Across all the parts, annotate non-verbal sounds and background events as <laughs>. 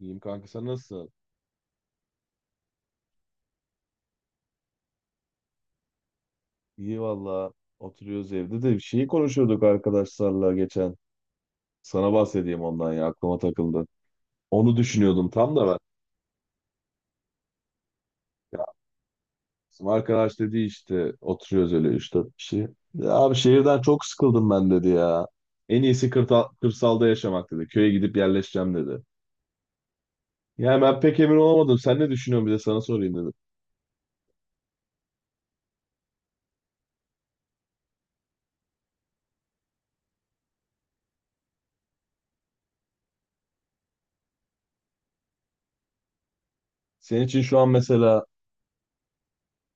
İyiyim kanka, sen nasılsın? İyi valla, oturuyoruz evde de şeyi konuşuyorduk arkadaşlarla geçen. Sana bahsedeyim ondan, ya aklıma takıldı. Onu düşünüyordum tam da ben. Ya bizim arkadaş dedi, işte oturuyoruz öyle 3-4 kişi. Ya abi, şehirden çok sıkıldım ben dedi ya. En iyisi kırsalda yaşamak dedi. Köye gidip yerleşeceğim dedi. Yani ben pek emin olamadım. Sen ne düşünüyorsun, bir de sana sorayım dedim. Senin için şu an mesela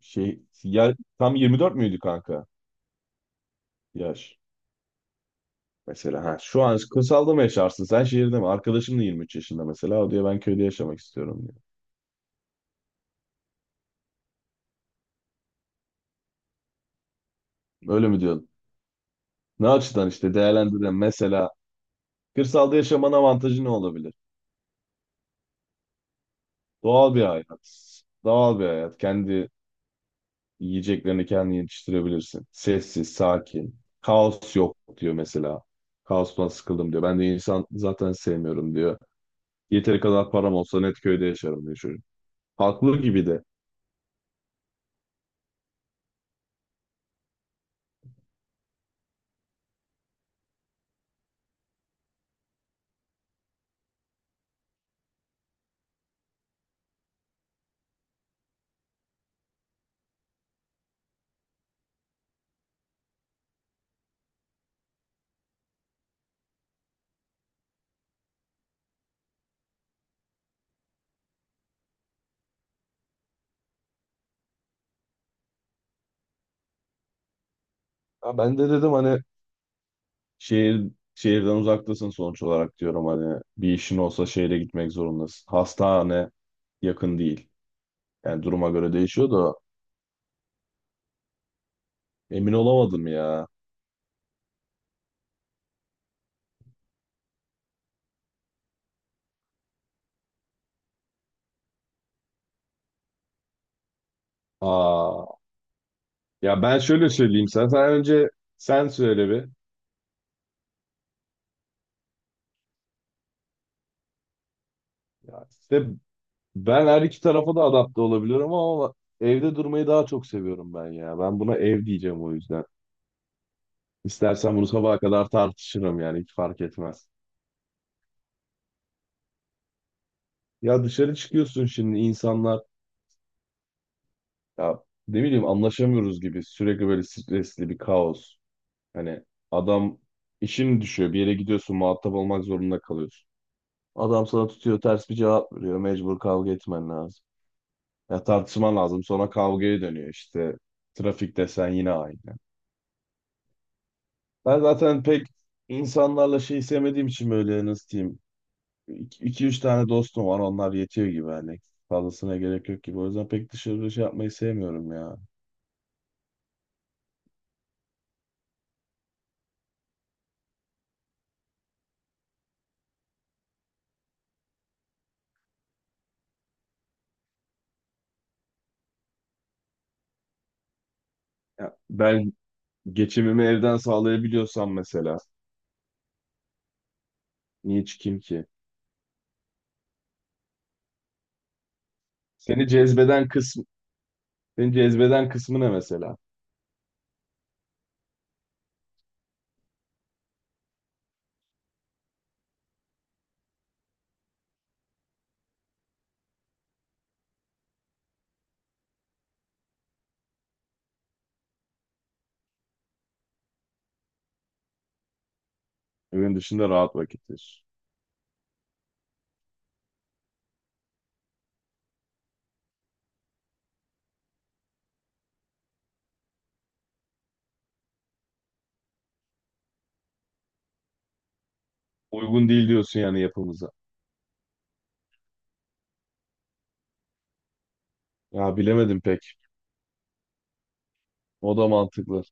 şey yer, tam 24 müydü kanka yaş? Mesela ha, şu an kırsalda mı yaşarsın? Sen şehirde mi? Arkadaşım da 23 yaşında mesela. O diyor ben köyde yaşamak istiyorum diyor. Öyle mi diyorsun? Ne açıdan işte değerlendirelim. Mesela kırsalda yaşamanın avantajı ne olabilir? Doğal bir hayat. Doğal bir hayat. Kendi yiyeceklerini kendin yetiştirebilirsin. Sessiz, sakin. Kaos yok diyor mesela. Kaostan sıkıldım diyor. Ben de insan zaten sevmiyorum diyor. Yeteri kadar param olsa net köyde yaşarım diyor çocuk. Haklı gibi de. Ya ben de dedim hani, Şehir şehirden uzaktasın sonuç olarak, diyorum hani bir işin olsa şehre gitmek zorundasın. Hastane yakın değil. Yani duruma göre değişiyor da emin olamadım ya. Aa, ya ben şöyle söyleyeyim, sen önce sen söyle bir. Ya işte ben her iki tarafa da adapte olabiliyorum ama evde durmayı daha çok seviyorum ben ya. Ben buna ev diyeceğim o yüzden. İstersen bunu sabaha kadar tartışırım, yani hiç fark etmez. Ya dışarı çıkıyorsun şimdi, insanlar, ya ne bileyim, anlaşamıyoruz gibi, sürekli böyle stresli bir kaos. Hani adam, işin düşüyor bir yere gidiyorsun, muhatap olmak zorunda kalıyorsun. Adam sana tutuyor ters bir cevap veriyor, mecbur kavga etmen lazım. Ya tartışman lazım, sonra kavgaya dönüyor işte, trafik desen yine aynı. Ben zaten pek insanlarla şey sevmediğim için, böyle nasıl diyeyim, iki üç tane dostum var, onlar yetiyor gibi, hani fazlasına gerek yok gibi, o yüzden pek dışarı şey yapmayı sevmiyorum ya. Ya ben, geçimimi evden sağlayabiliyorsam mesela, niye çıkayım ki? Seni cezbeden kısmı, seni cezbeden kısmı ne mesela? Evin dışında rahat vakittir. Uygun değil diyorsun yani yapımıza. Ya bilemedim pek. O da mantıklı.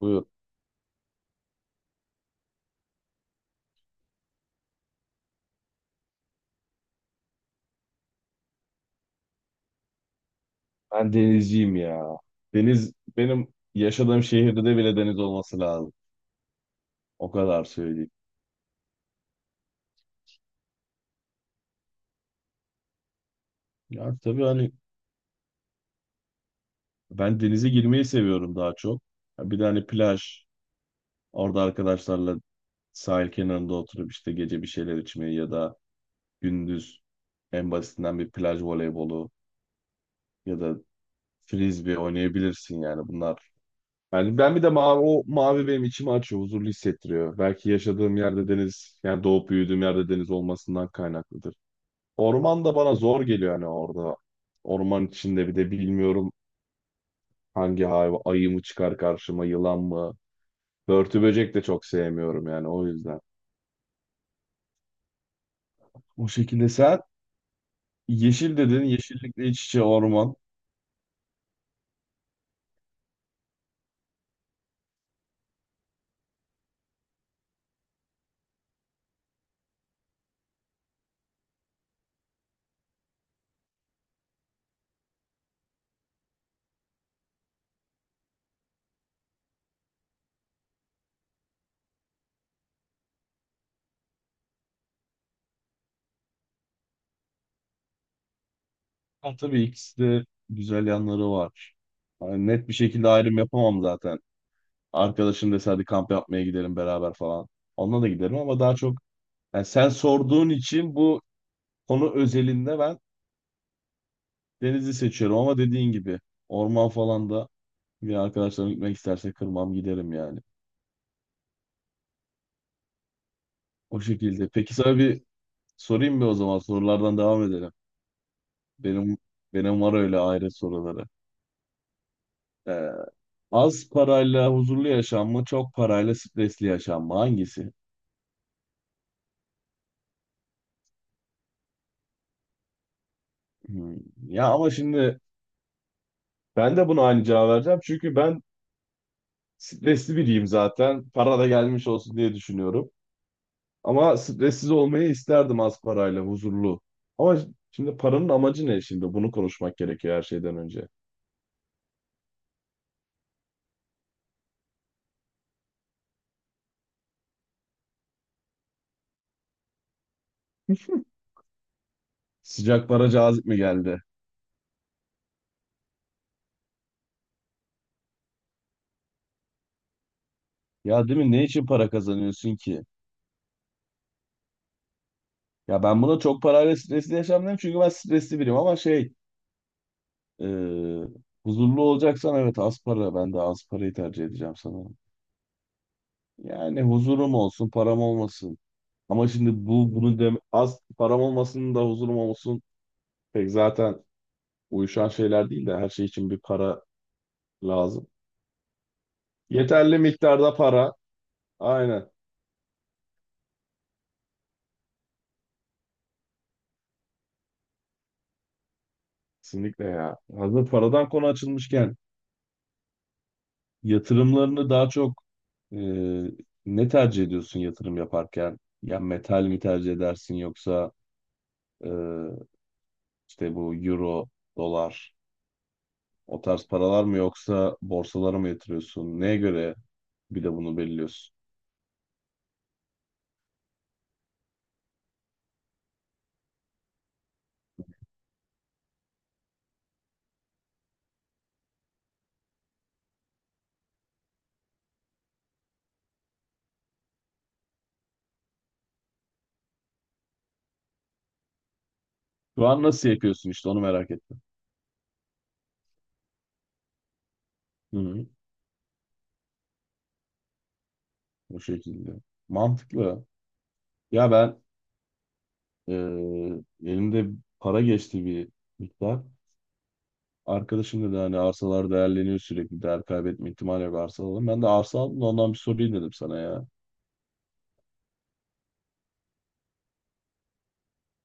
Buyur. Ben denizciyim ya. Deniz, benim yaşadığım şehirde de bile deniz olması lazım. O kadar söyleyeyim. Ya tabii hani, ben denize girmeyi seviyorum daha çok. Ya bir de hani plaj, orada arkadaşlarla sahil kenarında oturup işte gece bir şeyler içmeyi, ya da gündüz en basitinden bir plaj voleybolu, ya da frisbee oynayabilirsin, yani bunlar. Yani ben bir de mavi, o mavi benim içimi açıyor, huzurlu hissettiriyor. Belki yaşadığım yerde deniz, yani doğup büyüdüğüm yerde deniz olmasından kaynaklıdır. Orman da bana zor geliyor hani orada. Orman içinde bir de bilmiyorum, hangi hayvan, ayı mı çıkar karşıma, yılan mı? Börtü böcek de çok sevmiyorum yani o yüzden. O şekilde sen yeşil dedin, yeşillikle iç içe orman. Ha, tabii ikisi de güzel yanları var. Yani net bir şekilde ayrım yapamam zaten. Arkadaşım dese hadi kamp yapmaya gidelim beraber falan. Onunla da giderim ama daha çok, yani sen sorduğun için bu konu özelinde ben denizi seçiyorum ama dediğin gibi orman falan da, bir arkadaşlarım gitmek isterse kırmam giderim yani. O şekilde. Peki sana bir sorayım mı o zaman, sorulardan devam edelim. Benim benim var öyle ayrı soruları. Ee, Az parayla huzurlu yaşam mı, çok parayla stresli yaşam mı? Hangisi? Hmm. Ya ama şimdi ben de buna aynı cevap vereceğim. Çünkü ben stresli biriyim zaten. Para da gelmiş olsun diye düşünüyorum. Ama stressiz olmayı isterdim, az parayla, huzurlu. Ama şimdi paranın amacı ne şimdi? Bunu konuşmak gerekiyor her şeyden önce. <laughs> Sıcak para cazip mi geldi? Ya değil mi? Ne için para kazanıyorsun ki? Ya ben buna çok parayla stresli yaşamıyorum çünkü ben stresli biriyim ama şey, e, huzurlu olacaksan evet, az para. Ben de az parayı tercih edeceğim sana. Yani huzurum olsun, param olmasın. Ama şimdi bunu dem az param olmasın da huzurum olsun. Pek zaten uyuşan şeyler değil de, her şey için bir para lazım. Yeterli miktarda para. Aynen. Kesinlikle ya. Hazır paradan konu açılmışken, yatırımlarını daha çok e, ne tercih ediyorsun yatırım yaparken? Ya metal mi tercih edersin, yoksa e, işte bu euro, dolar, o tarz paralar mı, yoksa borsalara mı yatırıyorsun? Neye göre bir de bunu belirliyorsun. Şu an nasıl yapıyorsun, işte onu merak ettim. Hı hı. O şekilde. Mantıklı. Ya ben, e, elimde para geçti bir miktar. Arkadaşım dedi hani arsalar değerleniyor sürekli. Değer kaybetme ihtimali yok, arsa alalım. Ben de arsa aldım da ondan bir sorayım dedim sana ya.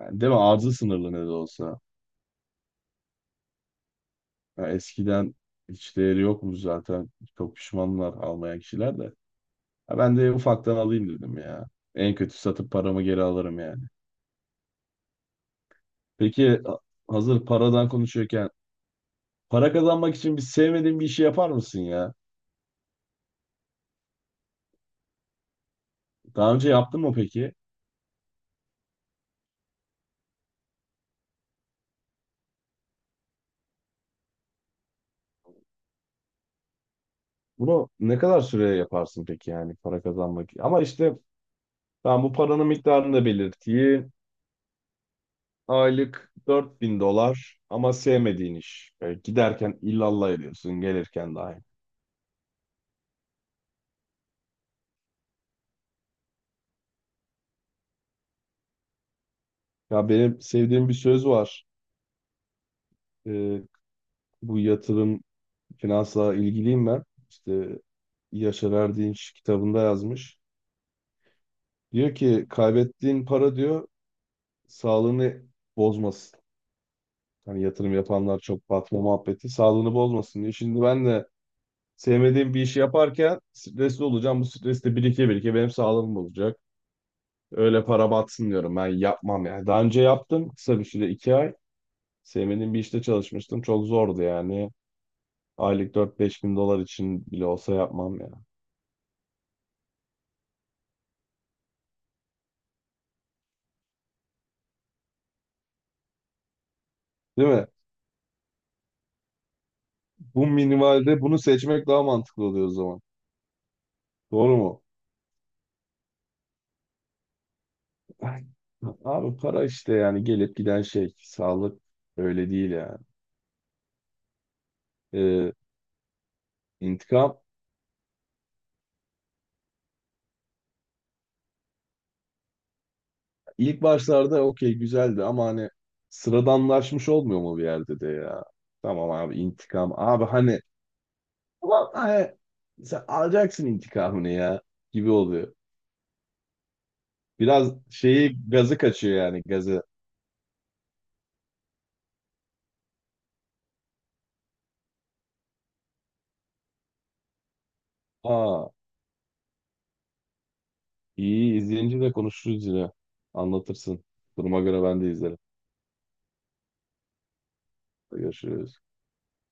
Yani değil mi? Arzı sınırlı ne de olsa. Ya eskiden hiç değeri yokmuş zaten. Çok pişmanlar almayan kişiler de. Ya ben de ufaktan alayım dedim ya. En kötü satıp paramı geri alırım yani. Peki, hazır paradan konuşuyorken, para kazanmak için bir sevmediğin bir işi yapar mısın ya? Daha önce yaptın mı peki? Bunu ne kadar süreye yaparsın peki, yani para kazanmak? Ama işte ben bu paranın miktarını da belirteyim. Aylık 4.000 dolar ama sevmediğin iş. E, giderken illallah ediyorsun, gelirken dahi. Ya benim sevdiğim bir söz var. E, Bu yatırım finansla ilgiliyim ben. İşte Yaşar Erdinç kitabında yazmış. Diyor ki kaybettiğin para diyor sağlığını bozmasın. Hani yatırım yapanlar çok batma muhabbeti sağlığını bozmasın diye. Şimdi ben de sevmediğim bir işi yaparken stresli olacağım. Bu stres de birike birike benim sağlığım olacak. Öyle para batsın diyorum, ben yapmam yani. Daha önce yaptım kısa bir süre, 2 ay. Sevmediğim bir işte çalışmıştım. Çok zordu yani. Aylık 4-5 bin dolar için bile olsa yapmam ya. Değil mi? Bu minimalde bunu seçmek daha mantıklı oluyor o zaman. Doğru mu? Ay, abi para işte, yani gelip giden şey. Sağlık öyle değil yani. Ee, intikam ilk başlarda okey güzeldi ama hani sıradanlaşmış olmuyor mu bir yerde de ya? Tamam abi, intikam. Abi hani, ulan hani, sen alacaksın intikamını ya, gibi oluyor. Biraz şeyi gazı kaçıyor, yani gazı. Aa, iyi, izleyince de konuşuruz yine. Anlatırsın. Duruma göre ben de izlerim. Görüşürüz.